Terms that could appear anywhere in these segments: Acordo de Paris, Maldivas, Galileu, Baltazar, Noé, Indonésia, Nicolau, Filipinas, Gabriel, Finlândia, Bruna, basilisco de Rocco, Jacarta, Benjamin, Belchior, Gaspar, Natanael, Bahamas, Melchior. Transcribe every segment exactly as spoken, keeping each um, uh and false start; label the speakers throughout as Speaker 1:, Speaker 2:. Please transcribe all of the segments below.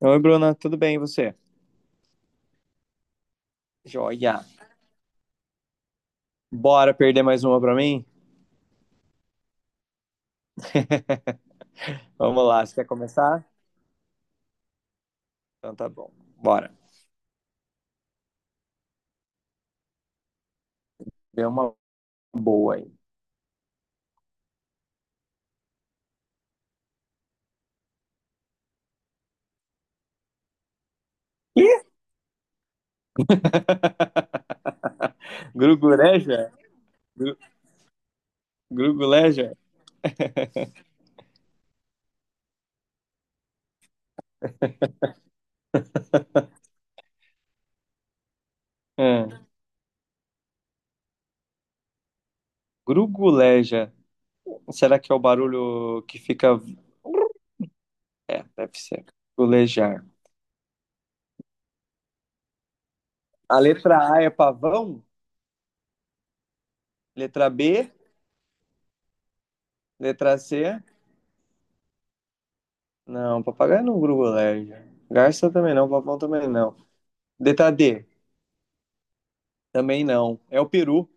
Speaker 1: Oi, Bruna, tudo bem e você? Joia. Bora perder mais uma pra mim? Vamos lá, você quer começar? Então tá bom, bora. Deu uma boa aí. Ih! Gruguleja? Gru- Gruguleja? Hum, Gruguleja. Será que é o barulho que fica. É, deve ser. Grugulejar. A letra A é pavão? Letra B? Letra C? Não, papagaio não gruda alérgico. Garça também não, papão também não. D T D também não. É o peru.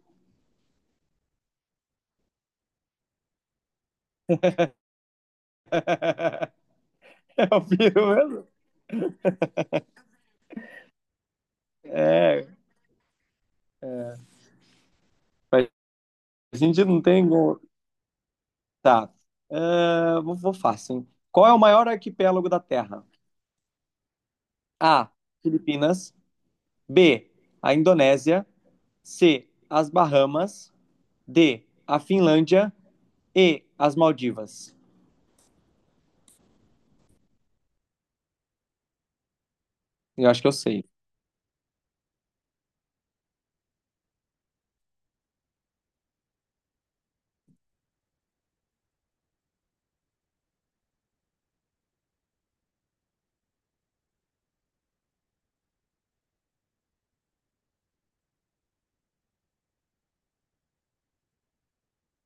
Speaker 1: É o peru mesmo? É. Mas a gente não tem. Como- Tá. Ah, vou, vou fácil, hein? Qual é o maior arquipélago da Terra? A. Filipinas. B. A Indonésia. C. As Bahamas. D. A Finlândia. E. As Maldivas. Eu acho que eu sei.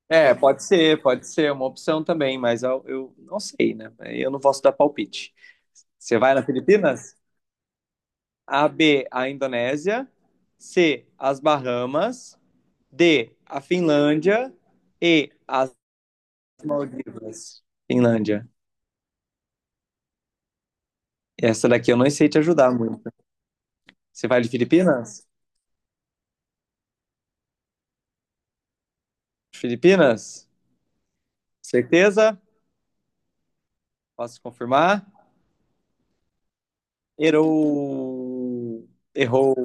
Speaker 1: É, pode ser, pode ser uma opção também, mas eu, eu não sei, né? Eu não posso dar palpite. Você vai nas Filipinas? A, B, a Indonésia. C, as Bahamas. D, a Finlândia. E, as Maldivas. Finlândia. Essa daqui eu não sei te ajudar muito. Você vai de Filipinas? Filipinas? Certeza? Posso confirmar? Errou. Errou.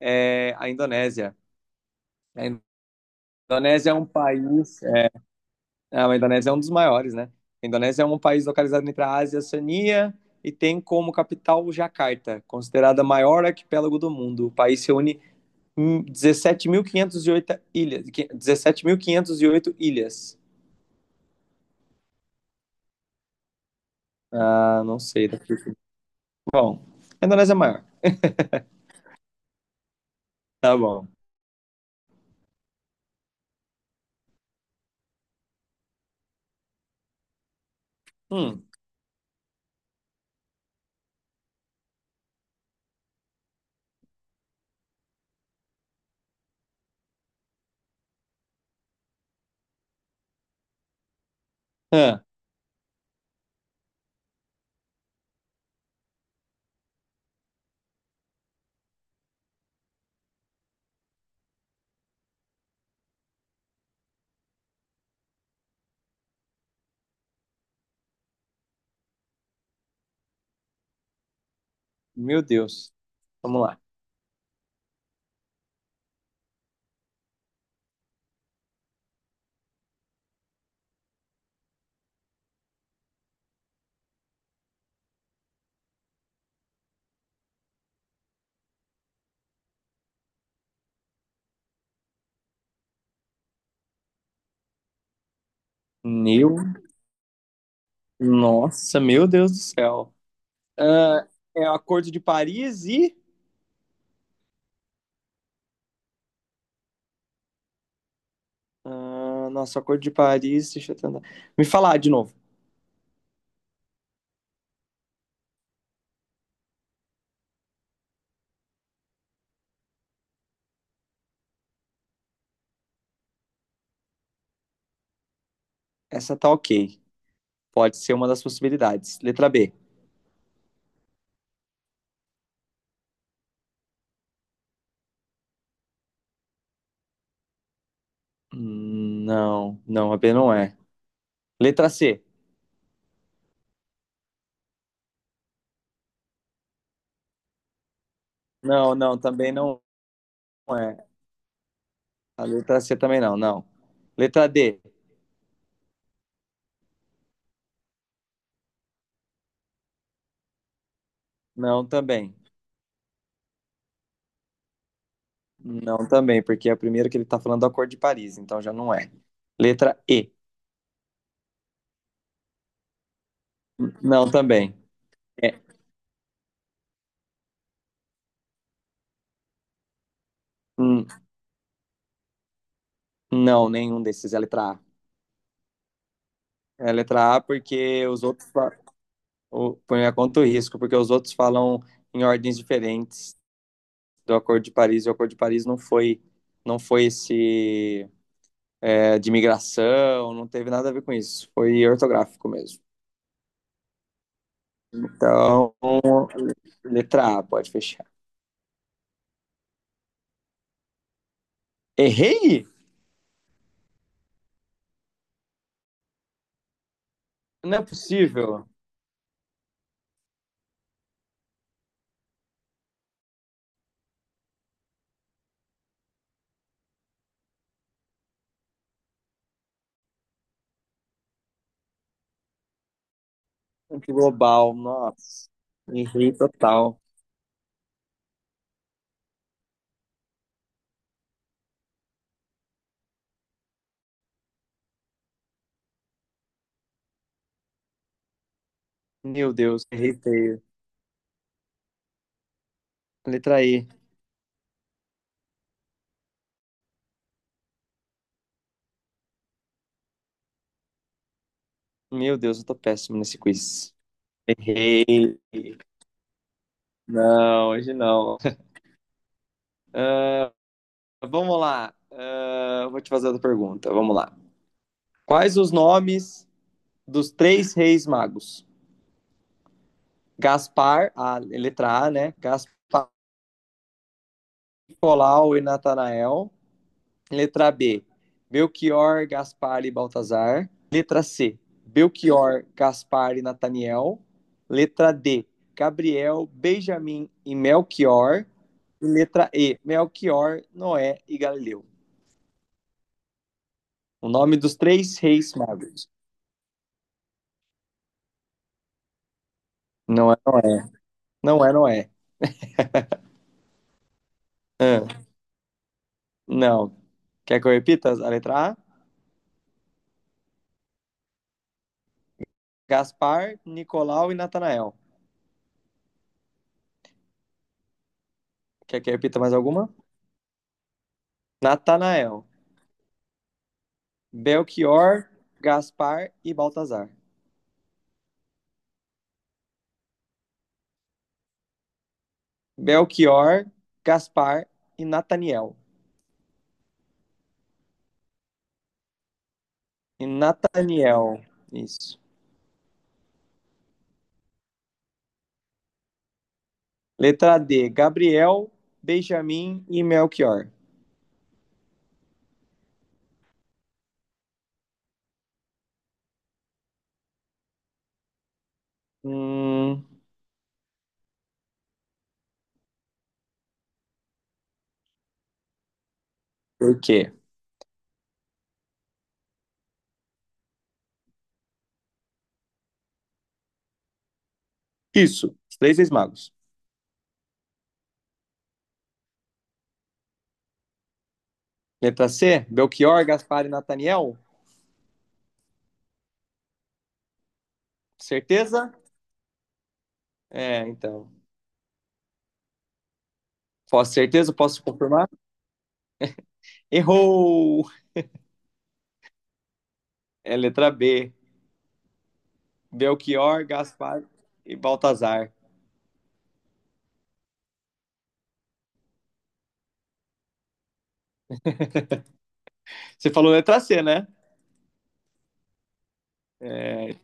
Speaker 1: É a Indonésia. A Indonésia é um país. Ah, a Indonésia é um dos maiores, né? A Indonésia é um país localizado entre a Ásia e a Oceania e tem como capital Jacarta, considerada a maior arquipélago do mundo. O país reúne hum, dezessete mil quinhentas e oito ilhas. dezessete mil quinhentas e oito ilhas. Ah, não sei. Daqui- Bom, a Indonésia é maior. Tá bom. Hum, ah, meu Deus. Vamos lá. Meu, nossa, meu Deus do céu. Ah, é o Acordo de Paris e Ah, nossa, Acordo de Paris, deixa eu tentar. Me falar de novo. Essa tá ok. Pode ser uma das possibilidades. Letra B. Hum, Não, não, a B não é. Letra C. Não, não, também não é. A letra C também não, não. Letra D. Não, também. Não, também, porque é a primeira que ele tá falando do Acordo de Paris, então já não é. Letra E. Não, também. É, hum, não, nenhum desses é a letra A. É a letra A porque os outros o- por minha conta o risco, porque os outros falam em ordens diferentes do Acordo de Paris, e o Acordo de Paris não foi, não foi esse é, de migração, não teve nada a ver com isso, foi ortográfico mesmo. Então, letra A, pode fechar. Errei? Não é possível. Global, nossa, errei total. Meu Deus, errei feio. Letra E. Meu Deus, eu tô péssimo nesse quiz. Errei. Não, hoje não. Ah, Vamos lá. Ah, vou te fazer outra pergunta. Vamos lá. Quais os nomes dos três reis magos? Gaspar, a letra A, né? Gaspar, Nicolau e Natanael. Letra B, Belchior, Gaspar e Baltazar. Letra C, Belchior, Gaspar e Nataniel. Letra D, Gabriel, Benjamin e Melchior. E letra E, Melchior, Noé e Galileu. O nome dos três reis magos. Não é Noé. Não é Noé. Ah, não. Quer que eu repita a letra A? Gaspar, Nicolau e Natanael. Quer que eu repita mais alguma? Natanael, Belchior, Gaspar e Baltazar. Belchior, Gaspar e Nataniel. E Nataniel, isso. Letra D, Gabriel, Benjamin e Melchior. Hum, por quê? Isso, os três ex-magos. Letra C, Belchior, Gaspar e Nataniel. Certeza? É, então. Posso certeza? Posso confirmar? Errou! É letra B. Belchior, Gaspar e Baltazar. Você falou letra C, né? É,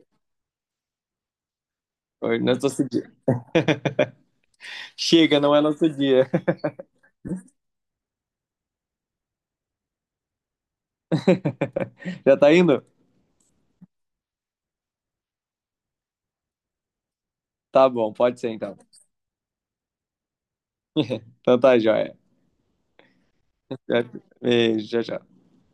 Speaker 1: hoje não é nosso dia. Chega, não é nosso dia. Já tá indo? Tá bom, pode ser então. Então tá, joia. Já- Beijo, tchau, tchau.